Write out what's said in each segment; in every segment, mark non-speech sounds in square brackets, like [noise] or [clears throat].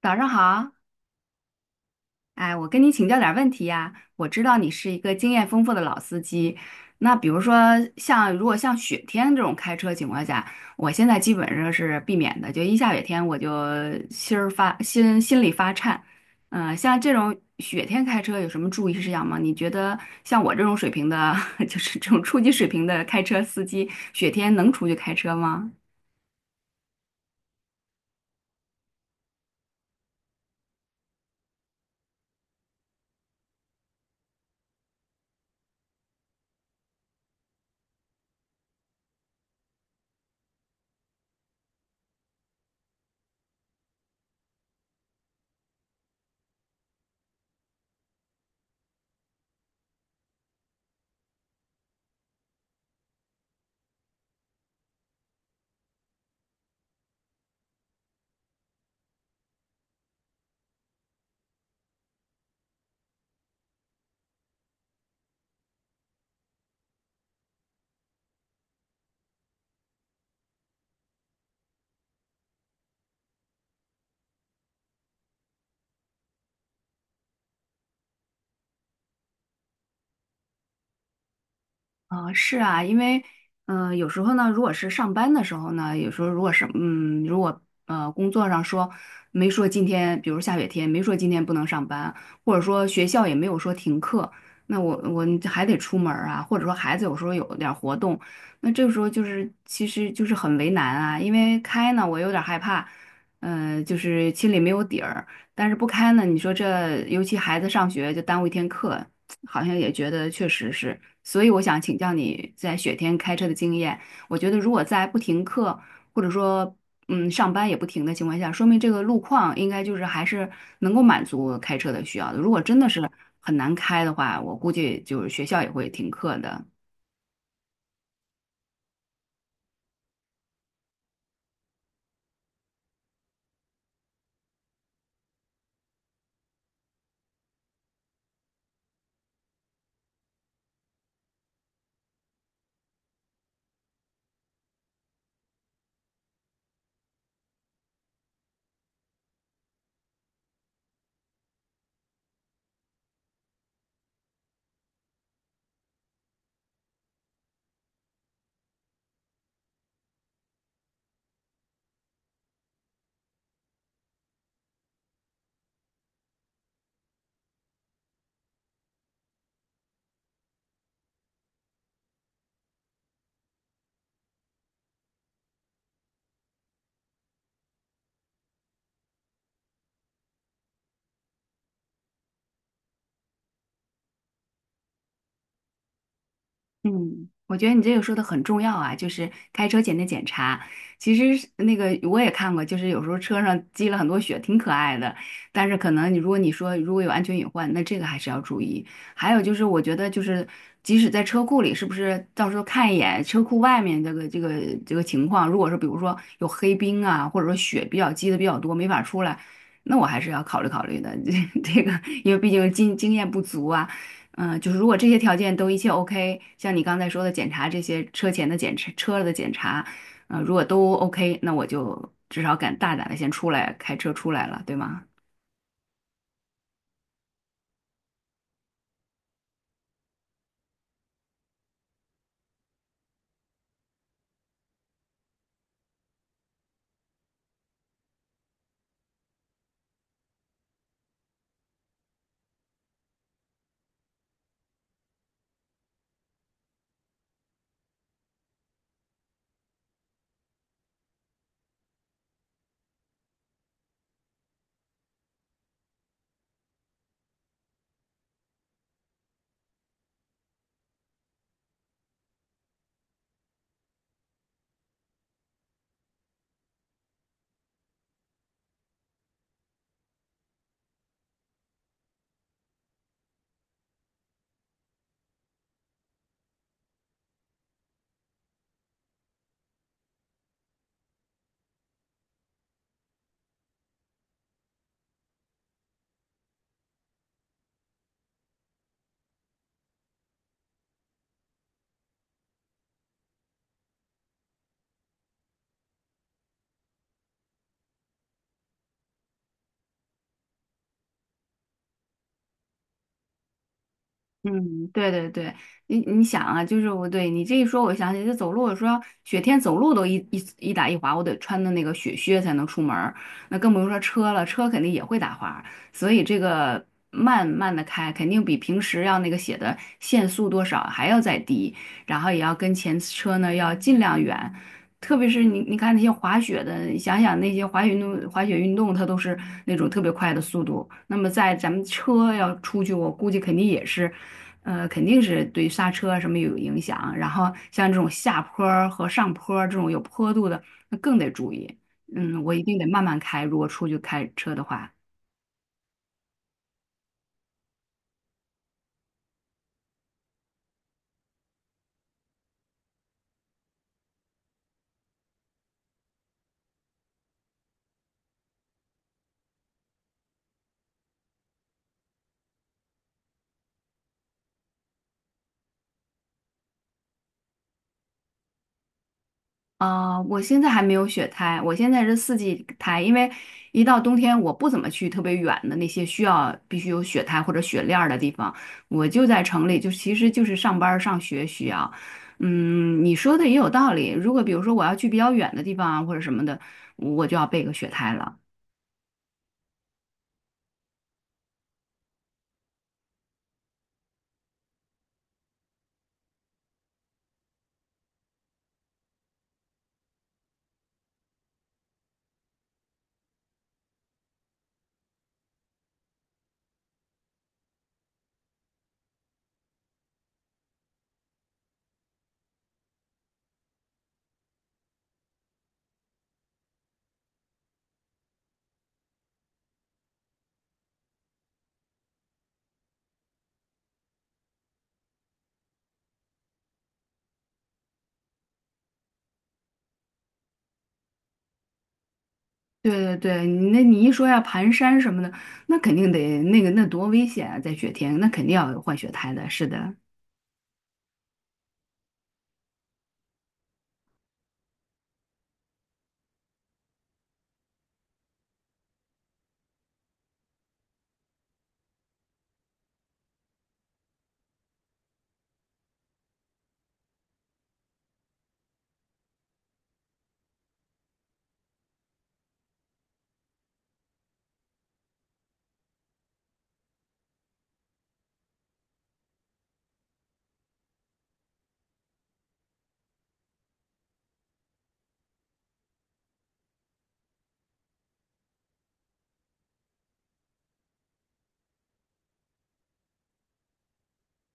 早上好，哎，我跟你请教点儿问题呀。我知道你是一个经验丰富的老司机，那比如说像如果像雪天这种开车情况下，我现在基本上是避免的，就一下雪天我就心里发颤。像这种雪天开车有什么注意事项吗？你觉得像我这种水平的，[laughs] 就是这种初级水平的开车司机，雪天能出去开车吗？啊，是啊，因为，有时候呢，如果是上班的时候呢，有时候如果是，如果工作上说没说今天，比如下雪天没说今天不能上班，或者说学校也没有说停课，那我还得出门儿啊，或者说孩子有时候有点儿活动，那这个时候就是其实就是很为难啊，因为开呢我有点儿害怕，就是心里没有底儿，但是不开呢，你说这尤其孩子上学就耽误一天课，好像也觉得确实是，所以我想请教你在雪天开车的经验。我觉得如果在不停课或者说上班也不停的情况下，说明这个路况应该就是还是能够满足开车的需要的。如果真的是很难开的话，我估计就是学校也会停课的。嗯，我觉得你这个说的很重要啊，就是开车前的检查。其实是那个我也看过，就是有时候车上积了很多雪，挺可爱的。但是可能你如果你说如果有安全隐患，那这个还是要注意。还有就是，我觉得就是即使在车库里，是不是到时候看一眼车库外面这个情况，如果是比如说有黑冰啊，或者说雪比较积的比较多，没法出来。那我还是要考虑考虑的，[laughs] 这个，因为毕竟经验不足啊。就是如果这些条件都一切 OK，像你刚才说的检查这些车前的检查、车的检查，如果都 OK，那我就至少敢大胆的先出来开车出来了，对吗？嗯，对对对，你想啊，就是我对你这一说，我想起这走路，我说雪天走路都一打一滑，我得穿的那个雪靴才能出门儿，那更不用说车了，车肯定也会打滑，所以这个慢慢的开，肯定比平时要那个写的限速多少还要再低，然后也要跟前车呢要尽量远，特别是你看那些滑雪的，你想想那些滑雪运动，它都是那种特别快的速度，那么在咱们车要出去，我估计肯定也是。肯定是对刹车啊什么有影响，然后像这种下坡儿和上坡儿这种有坡度的，那更得注意。我一定得慢慢开，如果出去开车的话。啊、我现在还没有雪胎，我现在是四季胎，因为一到冬天我不怎么去特别远的那些需要必须有雪胎或者雪链儿的地方，我就在城里，就其实就是上班儿上学需要。你说的也有道理，如果比如说我要去比较远的地方啊或者什么的，我就要备个雪胎了。对对对，你那你一说要盘山什么的，那肯定得那个那多危险啊，在雪天，那肯定要有换雪胎的。是的，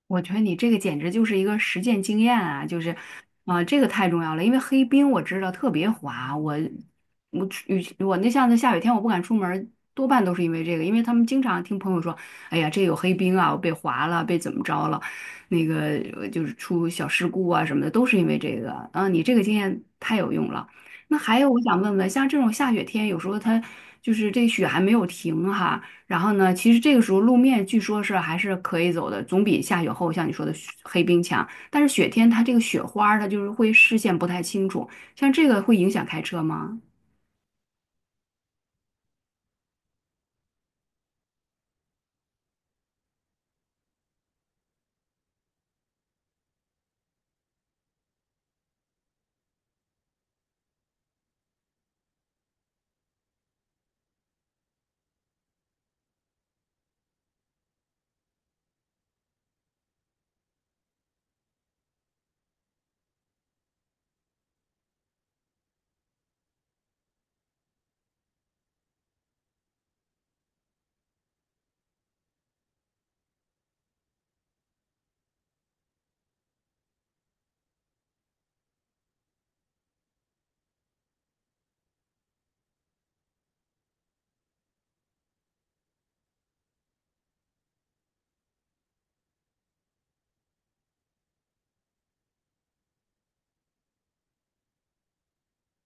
我觉得你这个简直就是一个实践经验啊，就是，啊、这个太重要了，因为黑冰我知道特别滑，我我雨我那像那下雨天我不敢出门儿多半都是因为这个，因为他们经常听朋友说，哎呀，这有黑冰啊，我被滑了，被怎么着了，那个就是出小事故啊什么的，都是因为这个。啊，你这个经验太有用了。那还有，我想问问，像这种下雪天，有时候它就是这雪还没有停哈、然后呢，其实这个时候路面据说是还是可以走的，总比下雪后像你说的雪黑冰强。但是雪天它这个雪花儿它就是会视线不太清楚，像这个会影响开车吗？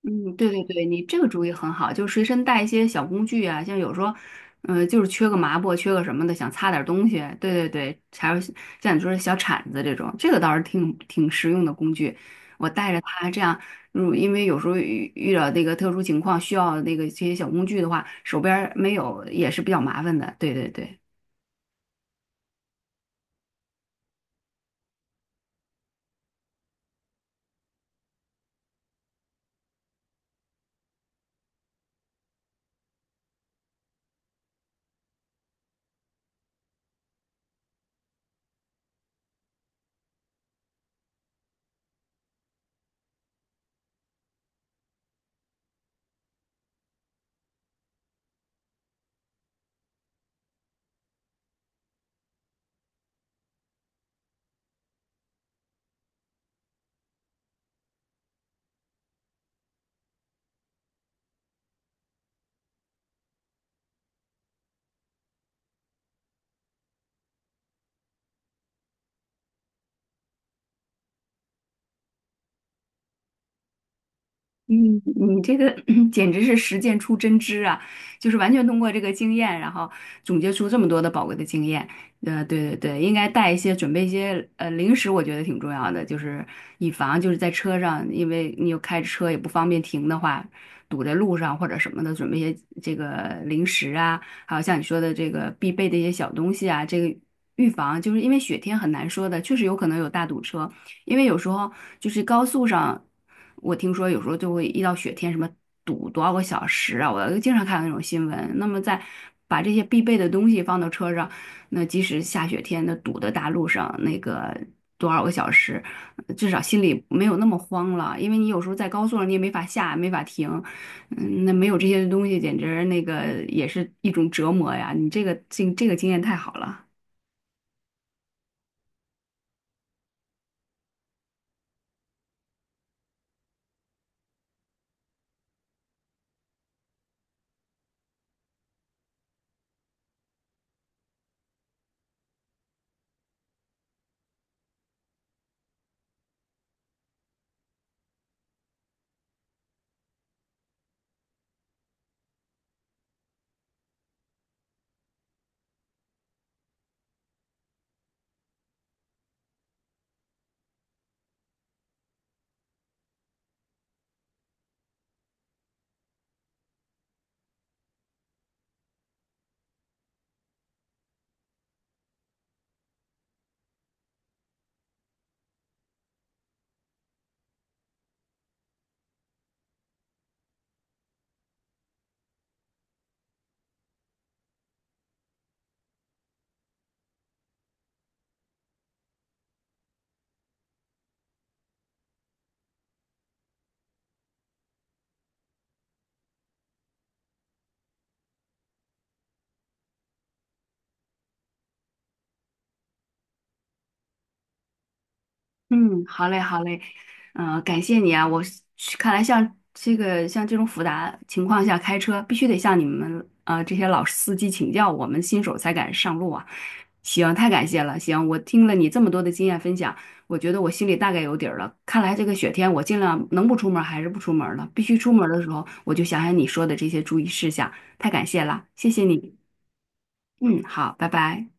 嗯，对对对，你这个主意很好，就是随身带一些小工具啊，像有时候，就是缺个抹布，缺个什么的，想擦点东西，对对对，还有像你说的小铲子这种，这个倒是挺实用的工具。我带着它，这样，因为有时候遇到那个特殊情况需要那个这些小工具的话，手边儿没有也是比较麻烦的。对对对。嗯，你这个 [clears throat] 简直是实践出真知啊！就是完全通过这个经验，然后总结出这么多的宝贵的经验。对对对，应该带一些，准备一些零食，我觉得挺重要的，就是以防就是在车上，因为你又开着车也不方便停的话，堵在路上或者什么的，准备一些这个零食啊，还有像你说的这个必备的一些小东西啊，这个预防就是因为雪天很难说的，确实有可能有大堵车。因为有时候就是高速上，我听说有时候就会遇到雪天，什么堵多少个小时啊，我经常看到那种新闻。那么在把这些必备的东西放到车上，那即使下雪天的堵的大路上，那个多少个小时，至少心里没有那么慌了。因为你有时候在高速上你也没法下，没法停，那没有这些东西，简直那个也是一种折磨呀。你这个经验太好了。嗯，好嘞，好嘞，感谢你啊！看来像这种复杂情况下开车，必须得向你们这些老司机请教，我们新手才敢上路啊！行，太感谢了。行，我听了你这么多的经验分享，我觉得我心里大概有底儿了。看来这个雪天我尽量能不出门儿还是不出门儿了，必须出门儿的时候我就想想你说的这些注意事项，太感谢了，谢谢你。嗯，好，拜拜。